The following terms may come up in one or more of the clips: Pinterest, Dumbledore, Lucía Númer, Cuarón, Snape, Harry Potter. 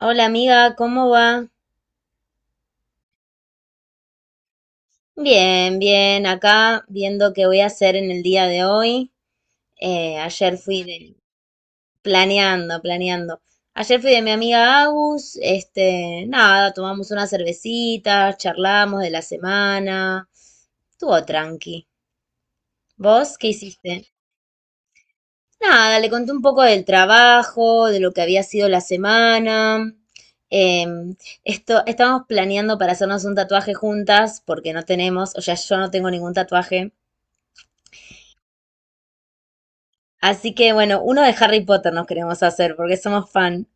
Hola amiga, ¿cómo va? Bien, bien, acá viendo qué voy a hacer en el día de hoy. Eh, ayer fui de, Planeando, planeando. Ayer fui de mi amiga Agus, este, nada, tomamos unas cervecitas, charlamos de la semana. Estuvo tranqui. ¿Vos qué hiciste? Nada, le conté un poco del trabajo, de lo que había sido la semana. Em, Esto, estamos planeando para hacernos un tatuaje juntas, porque no tenemos, o sea, yo no tengo ningún tatuaje. Así que bueno, uno de Harry Potter nos queremos hacer, porque somos fan.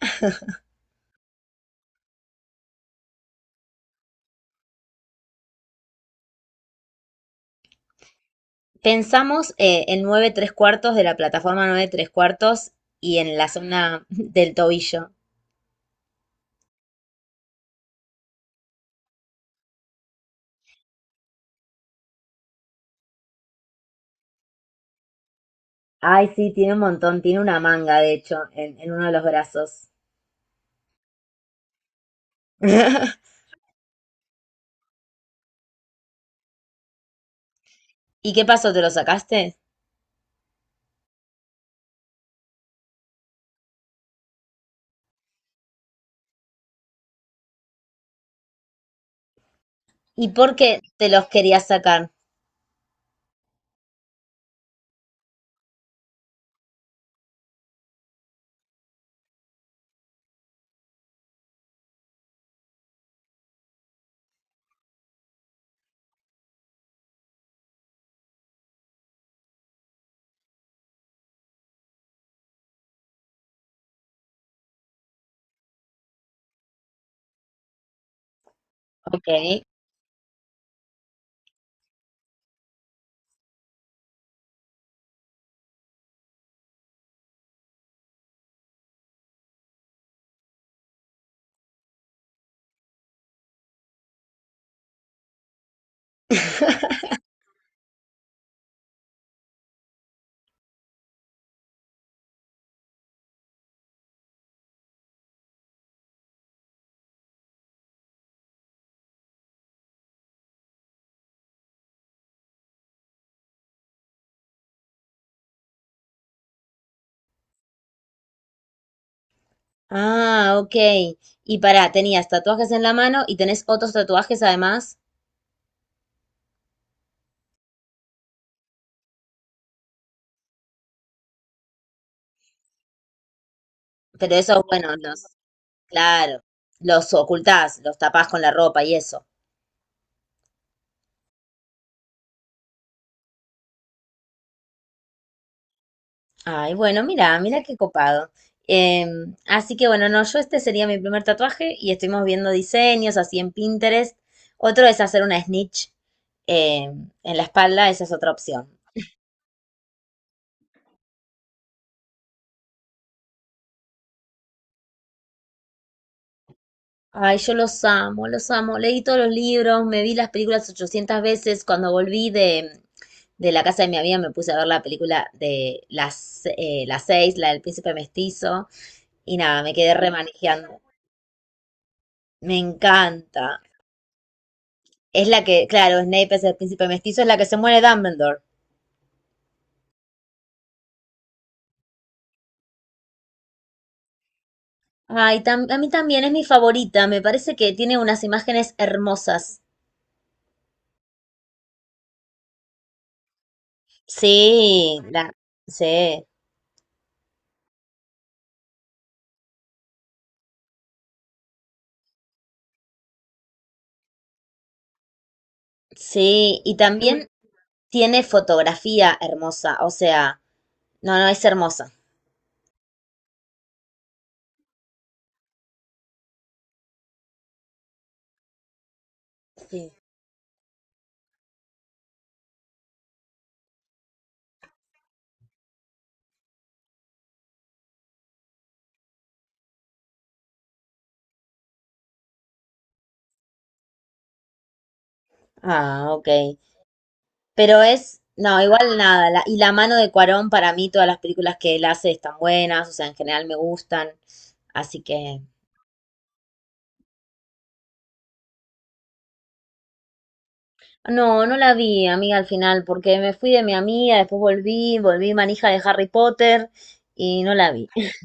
Pensamos en 9¾ de la plataforma 9¾ y en la zona del tobillo. Ay, sí, tiene un montón, tiene una manga, de hecho, en uno de los brazos. ¿Y qué pasó? ¿Te lo sacaste? ¿Y por qué te los querías sacar? Ok. Ah, ok. Y pará, tenías tatuajes en la mano y tenés otros tatuajes además, pero esos, bueno, claro, los ocultás, los tapás con la ropa y eso. Ay, bueno, mira, mira qué copado. Así que bueno, no, yo este sería mi primer tatuaje y estuvimos viendo diseños así en Pinterest. Otro es hacer una snitch en la espalda, esa es otra opción. Ay, yo los amo, los amo. Leí todos los libros, me vi las películas 800 veces. Cuando volví de la casa de mi amiga me puse a ver la película de las seis, la del príncipe mestizo. Y nada, me quedé remanejando. Me encanta. Es la que, claro, Snape es el príncipe mestizo, es la que se muere Dumbledore. Ay, tam- a mí también es mi favorita. Me parece que tiene unas imágenes hermosas. Sí, sí, sí. Y también tiene fotografía hermosa. O sea. No, no, es hermosa. Sí. Ah, ok. Pero es, no, igual nada. Y la mano de Cuarón, para mí, todas las películas que él hace están buenas, o sea, en general me gustan. Así que, no, no la vi, amiga, al final, porque me fui de mi amiga, después volví manija de Harry Potter y no la vi.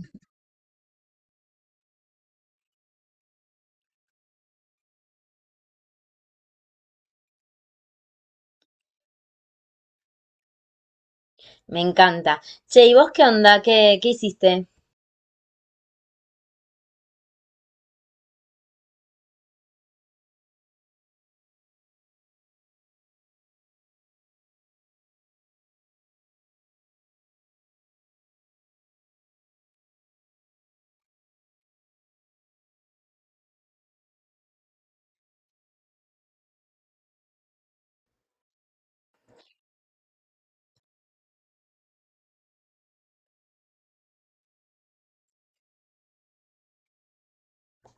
Me encanta. Che, ¿y vos qué onda? ¿Qué hiciste?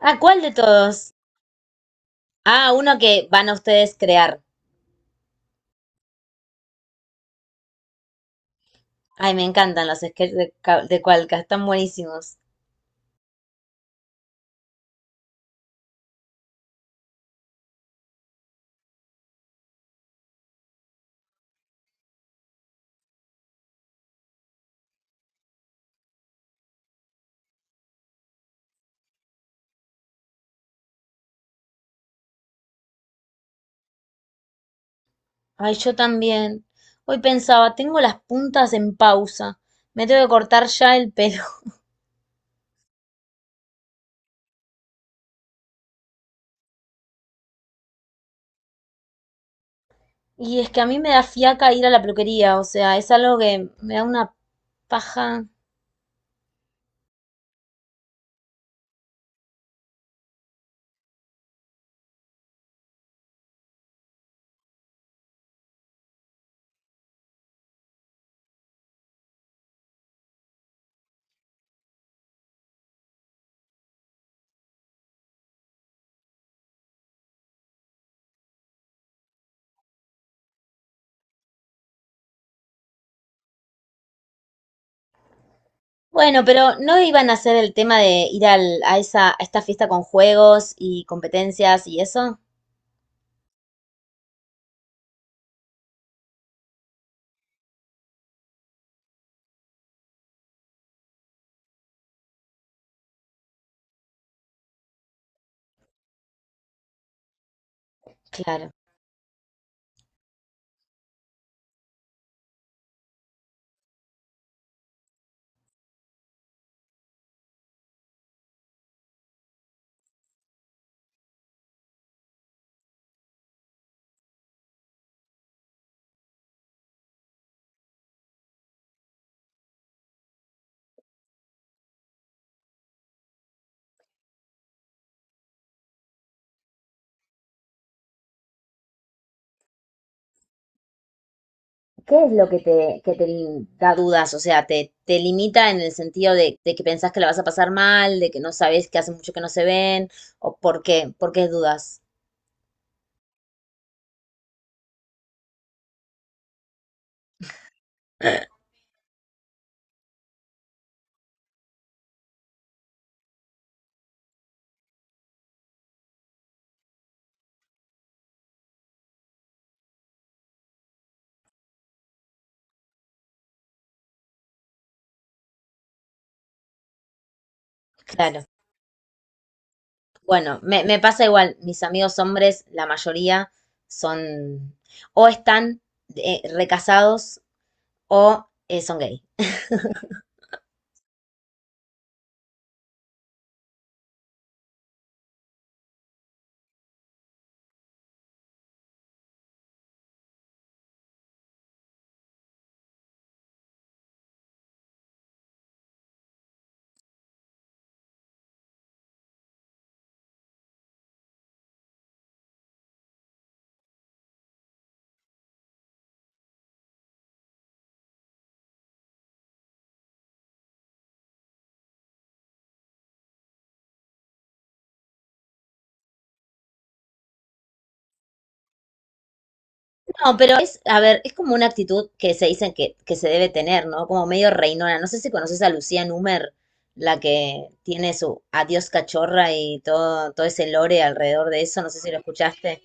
Ah, ¿cuál de todos? Ah, uno que van a ustedes crear. Ay, me encantan los sketches de Cualca, están buenísimos. Ay, yo también. Hoy pensaba, tengo las puntas en pausa. Me tengo que cortar ya el pelo. Y es que a mí me da fiaca ir a la peluquería, o sea, es algo que me da una paja. Bueno, pero ¿no iban a hacer el tema de ir a esta fiesta con juegos y competencias y eso? Claro. ¿Qué es lo que te da dudas? O sea, te limita en el sentido de que pensás que la vas a pasar mal, de que no sabes que hace mucho que no se ven, o por qué dudas. Claro. Bueno, me pasa igual, mis amigos hombres, la mayoría son o están recasados o son gay. No, pero es, a ver, es como una actitud que se dicen que se debe tener, ¿no? Como medio reinona. No sé si conoces a Lucía Númer, la que tiene su adiós cachorra y todo, todo ese lore alrededor de eso, no sé si lo escuchaste.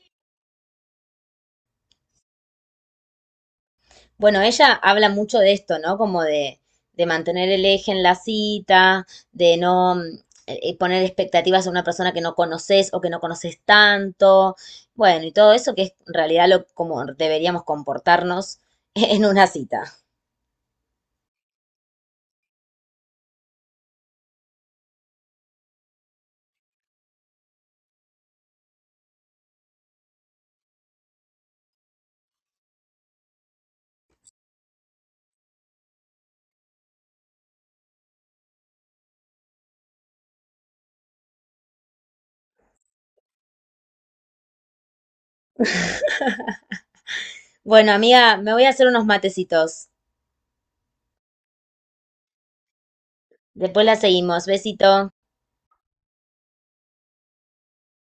Bueno, ella habla mucho de esto, ¿no? Como de mantener el eje en la cita, de no poner expectativas a una persona que no conoces o que no conoces tanto. Bueno, y todo eso que es en realidad lo como deberíamos comportarnos en una cita. Bueno, amiga, me voy a hacer unos matecitos. Después la seguimos. Besito.